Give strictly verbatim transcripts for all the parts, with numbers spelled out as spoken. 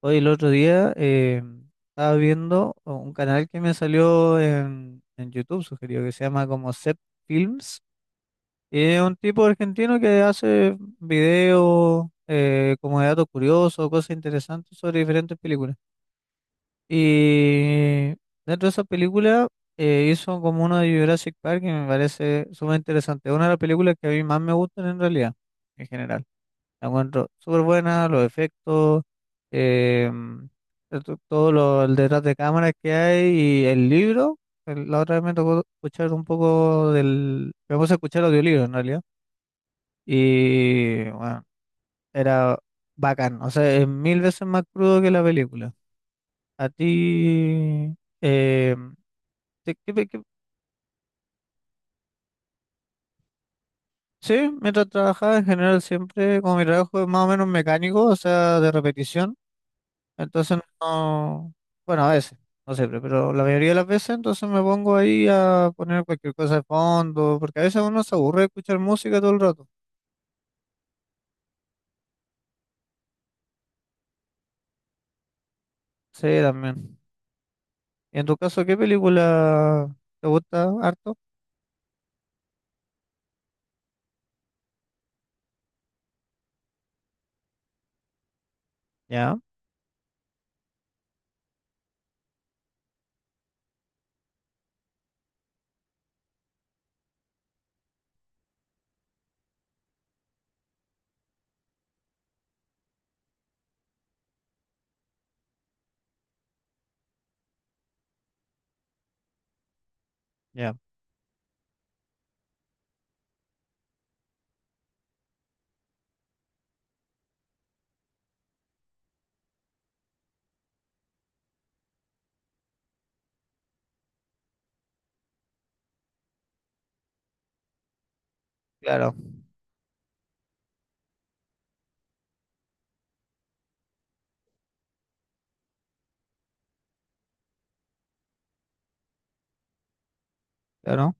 Hoy el otro día eh, estaba viendo un canal que me salió en, en YouTube, sugerido, que se llama como Set Films. Y es un tipo argentino que hace videos, eh, como de datos curiosos, cosas interesantes sobre diferentes películas. Y dentro de esa película eh, hizo como uno de Jurassic Park que me parece sumamente interesante. Es una de las películas que a mí más me gustan en realidad, en general. La encuentro súper buena, los efectos. em, esto- Todo lo, el detrás de cámaras que hay y el libro. El- la otra vez me tocó escuchar un poco del... Me puse a escuchar audiolibro en realidad. Y bueno, era bacán. O sea, es mil veces más crudo que la película. A ti... em, ¿te- qué qué- sí, mientras trabajaba en general siempre, como mi trabajo es más o menos mecánico, o sea, de repetición. Entonces no, bueno, a veces, no siempre, pero la mayoría de las veces entonces me pongo ahí a poner cualquier cosa de fondo, porque a veces uno se aburre de escuchar música todo el rato. Sí, también. ¿Y en tu caso qué película te gusta harto? Ya, ya, claro, claro.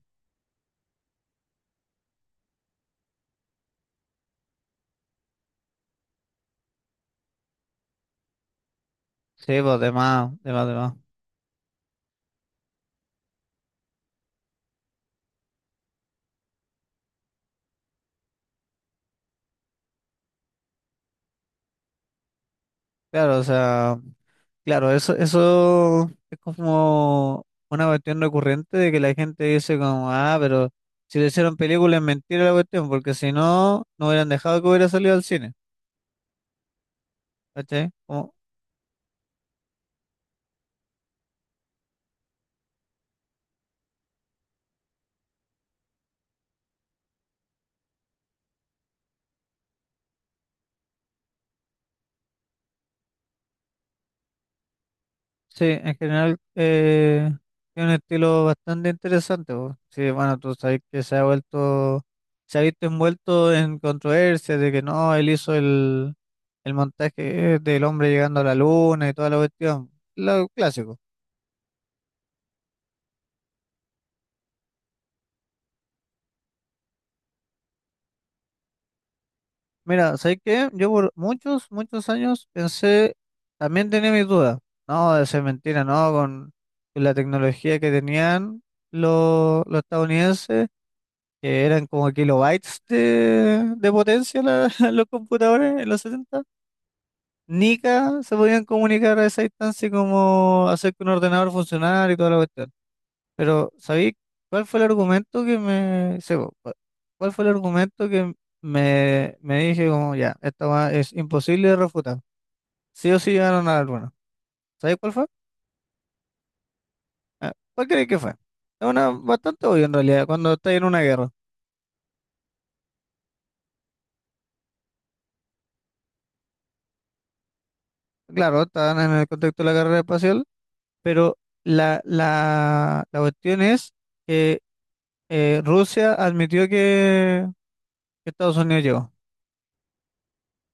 Sí, pues de más, de más, de más. Claro, o sea. Claro, eso, eso es como una cuestión recurrente de que la gente dice como, ah, pero si le hicieron película es mentira la cuestión, porque si no, no hubieran dejado que hubiera salido al cine, ¿cachai? Como, sí, en general eh, es un estilo bastante interesante, po. Sí, bueno, tú sabes que se ha vuelto, se ha visto envuelto en controversias de que no, él hizo el, el montaje del hombre llegando a la luna y toda la cuestión, lo clásico. Mira, ¿sabes qué? Yo por muchos, muchos años pensé, también tenía mis dudas, no, de ser mentira, no, con, con la tecnología que tenían los, los estadounidenses, que eran como kilobytes de, de potencia la- los computadores en los setenta, ni ca- se podían comunicar a esa distancia como hacer que un ordenador funcionara y toda la cuestión. Pero, ¿sabéis cuál fue el argumento que me... sí, po, cua- ¿cuál fue el argumento que me, me dije como, ya, esta weá es imposible de refutar? Sí o sí llegaron a la luna. ¿Sabéis cuál fue? Ah, ¿Cuál creéis que fue? Es una bastante obvio en realidad, cuando estáis en una guerra. Claro, estaban en el contexto de la carrera espacial, pero la, la, la cuestión es que eh, Rusia admitió que, que Estados Unidos llegó.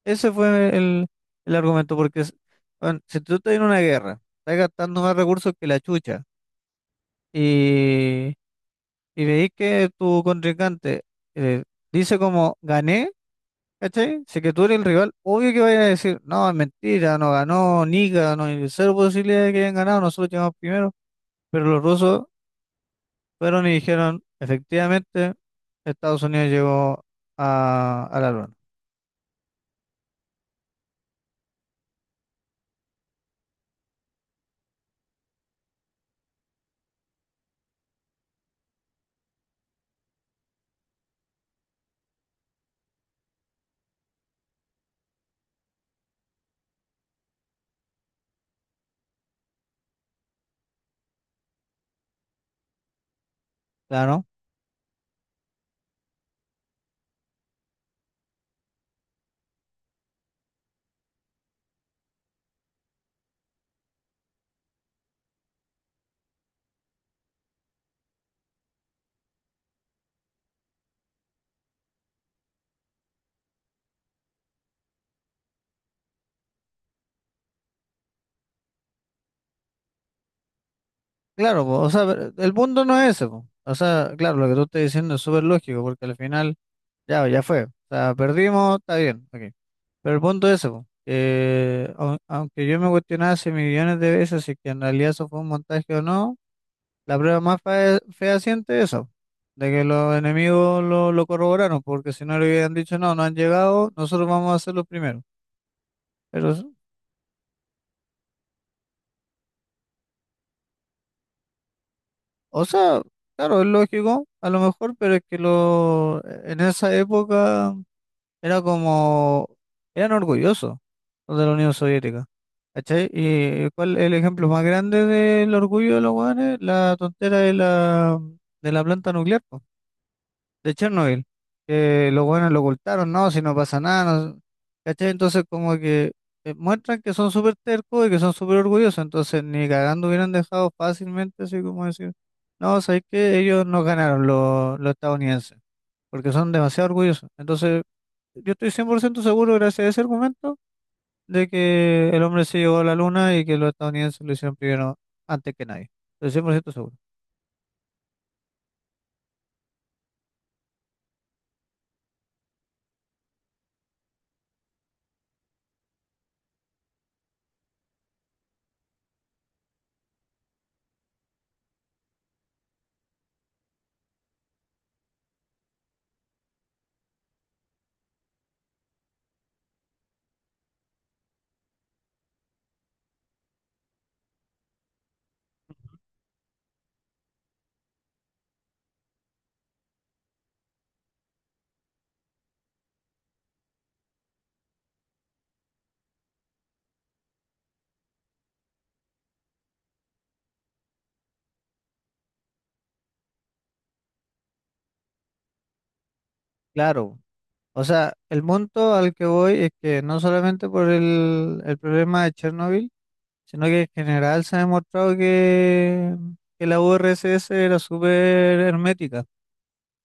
Ese fue el, el argumento, porque es- bueno, si tú estás en una guerra, estás gastando más recursos que la chucha, y, y veis que tu contrincante eh, dice como gané, ¿cachai? Si que tú eres el rival, obvio que vaya a decir, no, es mentira, no ganó, ni ganó, hay cero posibilidad de que hayan ganado, nosotros llegamos primero. Pero los rusos fueron y dijeron, efectivamente, Estados Unidos llegó a, a la luna. Claro. Claro, po, o sea, pero el punto no es ese, po. O sea, claro, lo que tú estás diciendo es súper lógico, porque al final, ya, ya fue. O sea, perdimos, está bien, ok. Pero el punto es ese, po, que au- aunque yo me cuestionaba hace millones de veces si que en realidad eso fue un montaje o no, la prueba más fe- fea, siente eso, de que los enemigos lo, lo corroboraron, porque si no le hubieran dicho, no, no han llegado, nosotros vamos a ser los primeros. Pero, o sea, claro, es lógico, a lo mejor, pero es que lo, en esa época. Era como, eran orgullosos los de la Unión Soviética, ¿cachai? Y eh, cuál el ejemplo más grande del orgullo de los hueones, la tontera de la, de la planta nuclear, po, de Chernobyl, que los hueones lo ocultaron, no, si no pasa nada, no- ¿cachai? Entonces como que eh, muestran que son súper tercos y que son súper orgullosos, entonces ni cagando hubieran dejado fácilmente, así como decir, no, sabes que ellos no ganaron los, los estadounidenses, porque son demasiado orgullosos, entonces yo estoy cien por ciento seguro, gracias a ese argumento, de que el hombre se llegó a la luna y que los estadounidenses lo hicieron primero antes que nadie. Estoy cien por ciento seguro. Claro. O sea, el punto al que voy es que no solamente por el, el problema de Chernobyl, sino que en general se ha demostrado que, que, la U R S S era súper hermética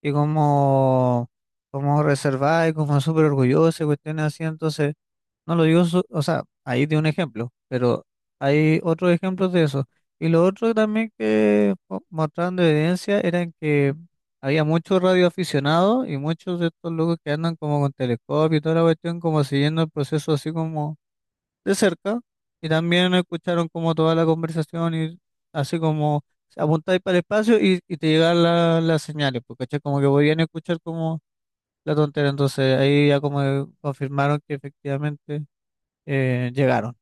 y como, como reservada y como súper orgullosa y cuestiones así. Entonces, no lo digo, so- o sea, ahí di un ejemplo, pero hay otros ejemplos de eso. Y lo otro también que mo- mostraron de evidencia eran que había muchos radioaficionados y muchos de estos locos que andan como con telescopio y toda la cuestión, como siguiendo el proceso así como de cerca. Y también escucharon como toda la conversación y así como apuntáis para el espacio y, y te llegan la- las señales, porque como que podían escuchar como la tontera. Entonces ahí ya como confirmaron que efectivamente eh, llegaron.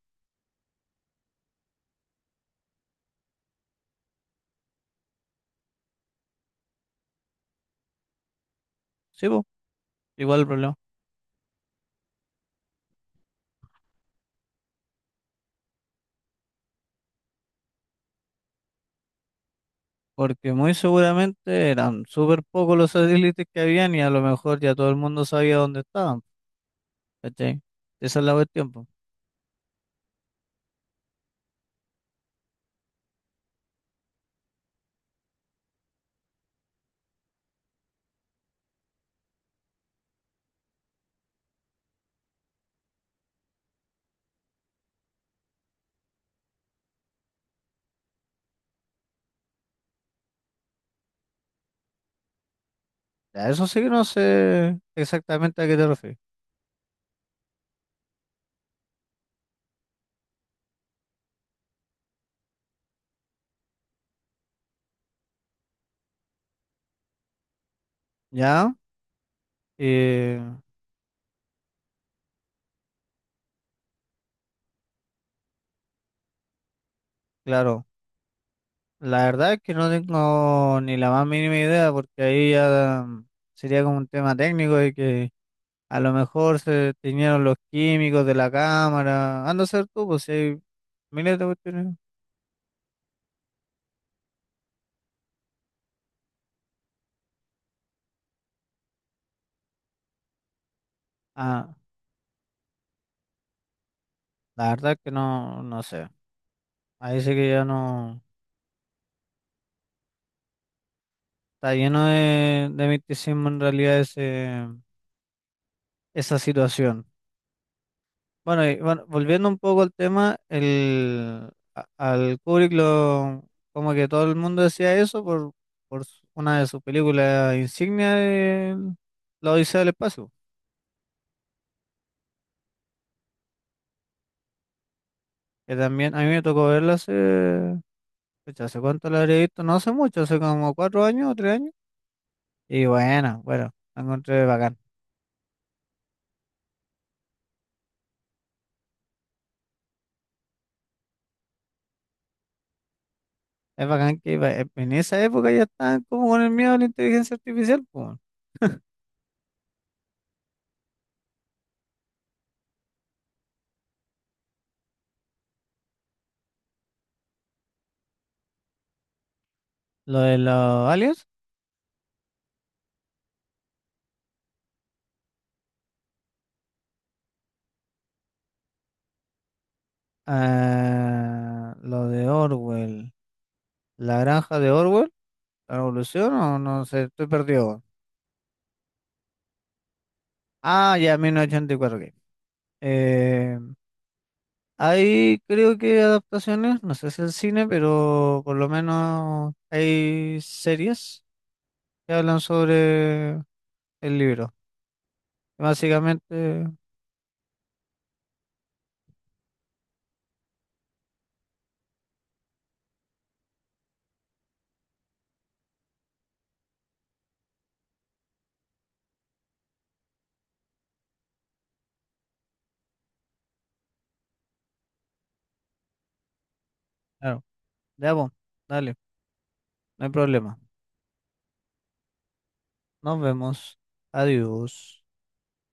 Sí, po, igual el problema. Porque muy seguramente eran súper pocos los satélites que habían y a lo mejor ya todo el mundo sabía dónde estaban. ¿Cachai? Esa es la cuestión, po. Ya, eso sí que no sé exactamente a qué te refieres. Ya, eh, claro. La verdad es que no tengo ni la más mínima idea porque ahí ya mm, sería como un tema técnico de que a lo mejor se teñieron los químicos de la cámara. Anda a ser tú, pues si hay miles de cuestiones. Ah, la verdad es que no, no sé. Ahí sí que ya no. Está lleno de, de misticismo en realidad ese, esa situación. Bueno, y bueno, volviendo un poco al tema, el, a- al Kubrick lo, como que todo el mundo decía eso por, por su- una de sus películas insignia de La Odisea del Espacio. Que también a mí me tocó verla hace, pucha, ¿hace cuánto la habría visto? No hace mucho, hace como cuatro años o tres años. Y bueno, bueno, la encontré bacán. Es bacán que va- eh, en esa época ya estaban como con el miedo a la inteligencia artificial, po, weón. Lo de los aliens, ah, lo de Orwell, la granja de Orwell, la revolución, o no sé, estoy perdido, weón. Ah, ya, mil novecientos ochenta y cuatro, ok. Eh, hay creo que adaptaciones, no sé si el cine, pero por lo menos hay series que hablan sobre el libro. Básicamente, claro, ya, po, dale, no hay problema. Nos vemos. Adiós.